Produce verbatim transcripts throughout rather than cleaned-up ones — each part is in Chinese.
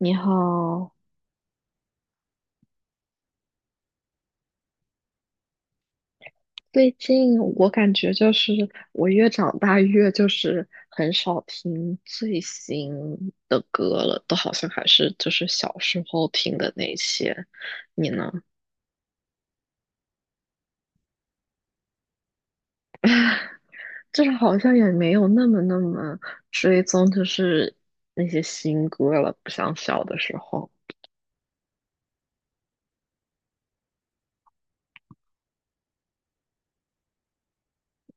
你好。最近我感觉就是我越长大越就是很少听最新的歌了，都好像还是就是小时候听的那些。你呢？就是好像也没有那么那么追踪，就是那些新歌了，不像小的时候。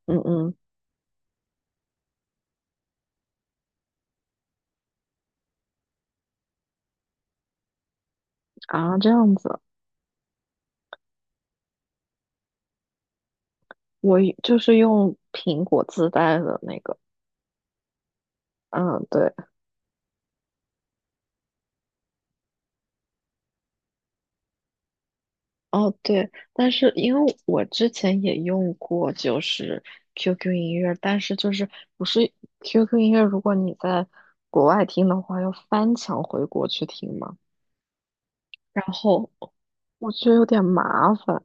嗯嗯。啊，这样子。我就是用苹果自带的那个。嗯，对。哦，对，但是因为我之前也用过，就是 Q Q 音乐，但是就是不是 Q Q 音乐，如果你在国外听的话，要翻墙回国去听嘛，然后我觉得有点麻烦。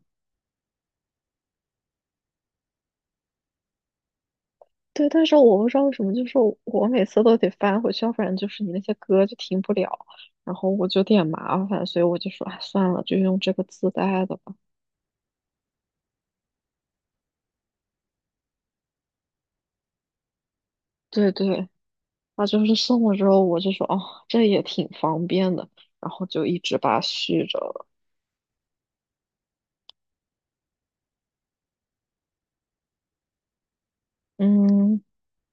对，但是我不知道为什么，就是我我每次都得翻回去，要不然就是你那些歌就听不了，然后我就有点麻烦，所以我就说，哎，算了，就用这个自带的吧。对对，他就是送了之后，我就说哦，这也挺方便的，然后就一直把它续着了。嗯，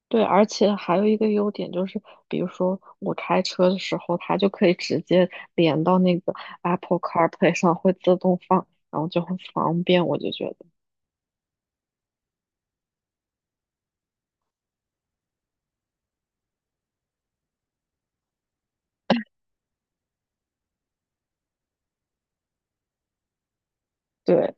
对，而且还有一个优点就是，比如说我开车的时候，它就可以直接连到那个 Apple CarPlay 上，会自动放，然后就很方便，我就觉得对。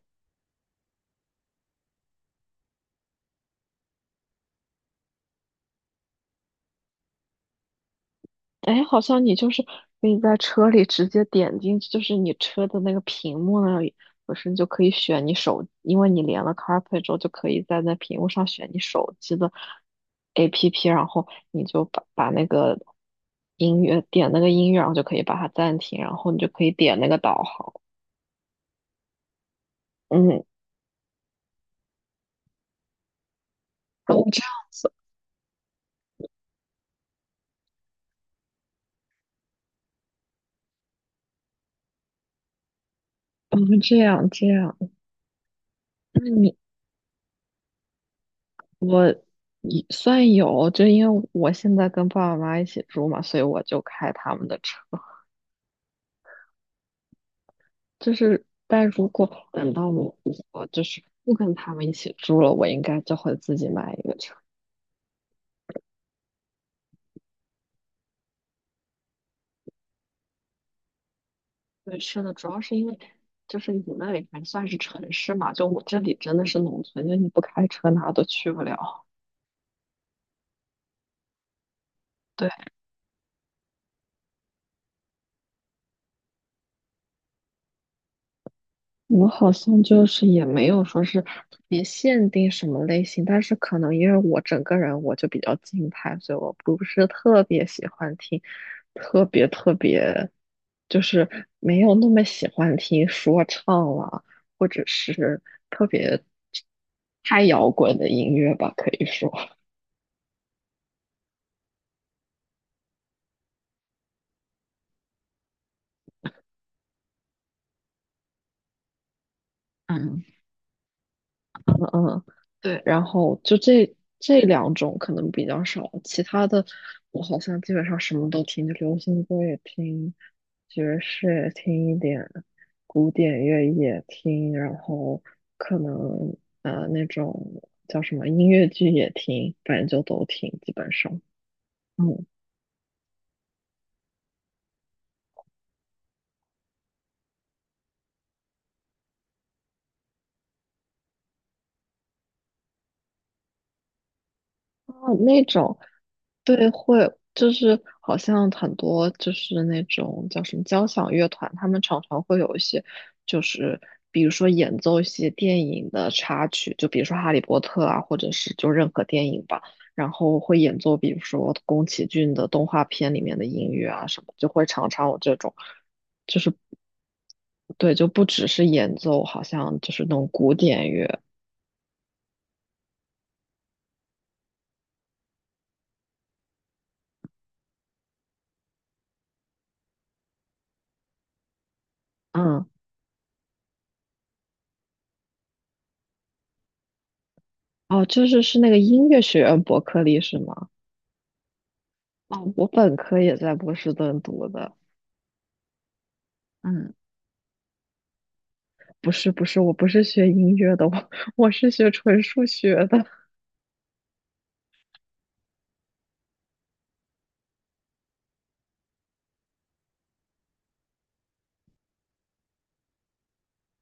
哎，好像你就是可以在车里直接点进去，就是你车的那个屏幕那里，不是你就可以选你手，因为你连了 CarPlay 之后，就可以在那屏幕上选你手机的 A P P，然后你就把把那个音乐，点那个音乐，然后就可以把它暂停，然后你就可以点那个导航。嗯。哦，这样子。哦，这样这样。那你你算有，就因为我现在跟爸爸妈妈一起住嘛，所以我就开他们的车。就是，但如果等到我我就是不跟他们一起住了，我应该就会自己买一个车。对，是的，主要是因为就是你那里还算是城市嘛，就我这里真的是农村，就你不开车哪都去不了。对。我们好像就是也没有说是特别限定什么类型，但是可能因为我整个人我就比较静态，所以我不是特别喜欢听，特别特别就是没有那么喜欢听说唱了，或者是特别太摇滚的音乐吧，可以说。嗯。嗯，对，然后就这这两种可能比较少，其他的我好像基本上什么都听，就流行歌也听，爵士也听一点，古典乐也听，然后可能呃那种叫什么音乐剧也听，反正就都听，基本上。嗯。哦，那种。对，会就是好像很多就是那种叫什么交响乐团，他们常常会有一些，就是比如说演奏一些电影的插曲，就比如说《哈利波特》啊，或者是就任何电影吧，然后会演奏比如说宫崎骏的动画片里面的音乐啊什么，就会常常有这种，就是对，就不只是演奏，好像就是那种古典乐。嗯。哦，就是是那个音乐学院伯克利是吗？哦，我本科也在波士顿读的。嗯。不是不是，我不是学音乐的，我我是学纯数学的。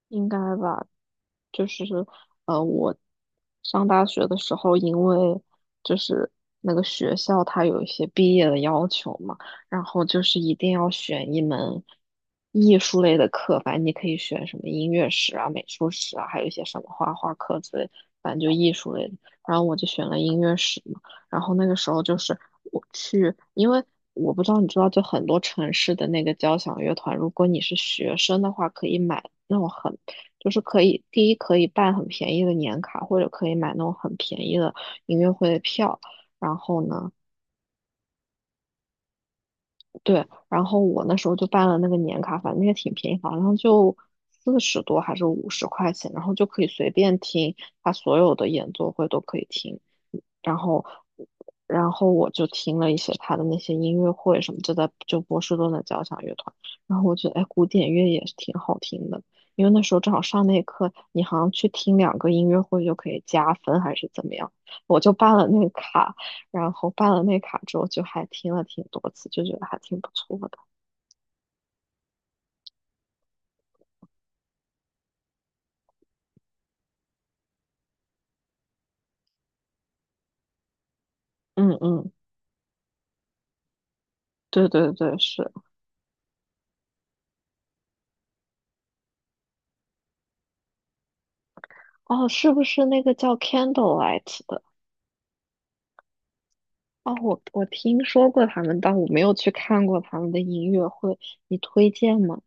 应该吧。就是呃，我上大学的时候，因为就是那个学校它有一些毕业的要求嘛，然后就是一定要选一门艺术类的课，反正你可以选什么音乐史啊、美术史啊，还有一些什么画画课之类，反正就艺术类的。然后我就选了音乐史嘛，然后那个时候就是我去。因为我不知道你知道，就很多城市的那个交响乐团，如果你是学生的话，可以买那种很，就是可以。第一可以办很便宜的年卡，或者可以买那种很便宜的音乐会的票。然后呢，对，然后我那时候就办了那个年卡，反正也挺便宜，好像就四十多还是五十块钱，然后就可以随便听，他所有的演奏会都可以听。然后，然后我就听了一些他的那些音乐会什么，就在就波士顿的交响乐团。然后我觉得，哎，古典乐也是挺好听的，因为那时候正好上那课，你好像去听两个音乐会就可以加分，还是怎么样？我就办了那个卡，然后办了那卡之后，就还听了挺多次，就觉得还挺不错的。嗯嗯，对对对，是。哦，是不是那个叫 Candlelight 的？哦，我我听说过他们，但我没有去看过他们的音乐会，你推荐吗？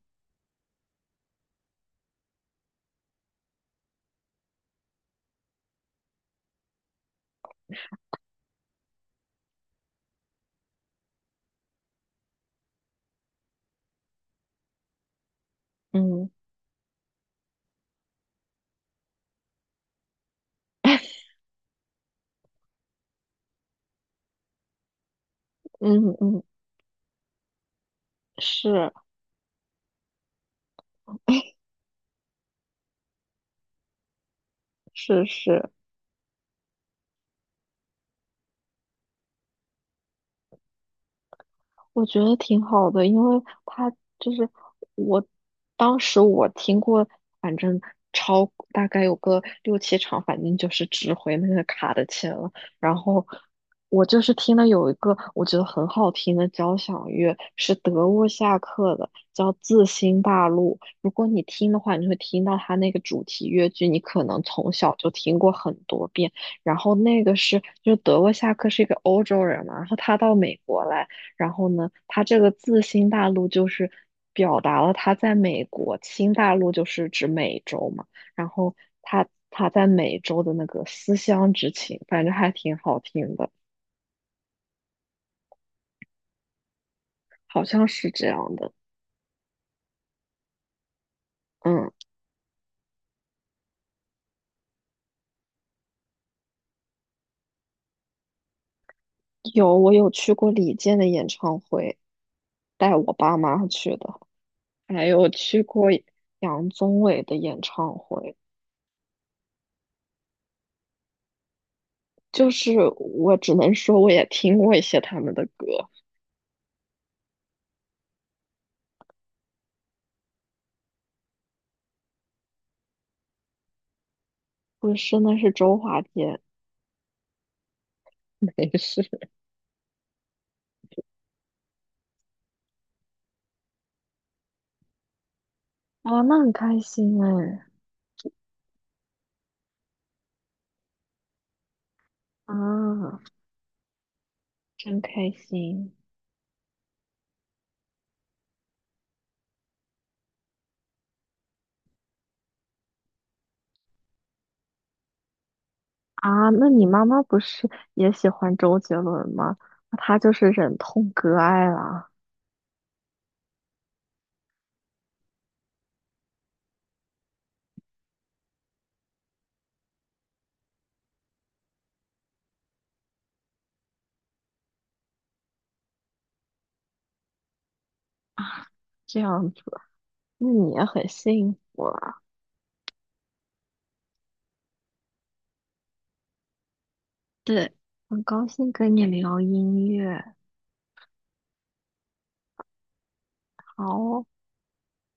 嗯 嗯嗯。是 是是。我觉得挺好的，因为他就是我，当时我听过，反正超大概有个六七场，反正就是值回那个卡的钱了。然后我就是听了有一个我觉得很好听的交响乐，是德沃夏克的，叫《自新大陆》。如果你听的话，你会听到他那个主题乐句，你可能从小就听过很多遍。然后那个是，就德沃夏克是一个欧洲人嘛，然后他到美国来。然后呢，他这个自新大陆就是表达了他在美国，新大陆就是指美洲嘛。然后他他在美洲的那个思乡之情，反正还挺好听的，好像是这样的。嗯，有，我有去过李健的演唱会，带我爸妈去的，还有去过杨宗纬的演唱会。就是我只能说，我也听过一些他们的歌。不是，那是周华健。没事。哦，那很开心哎。啊，真开心。啊，那你妈妈不是也喜欢周杰伦吗？那她就是忍痛割爱啦。这样子，那你也很幸福啊。对，很高兴跟你聊音乐。好哦。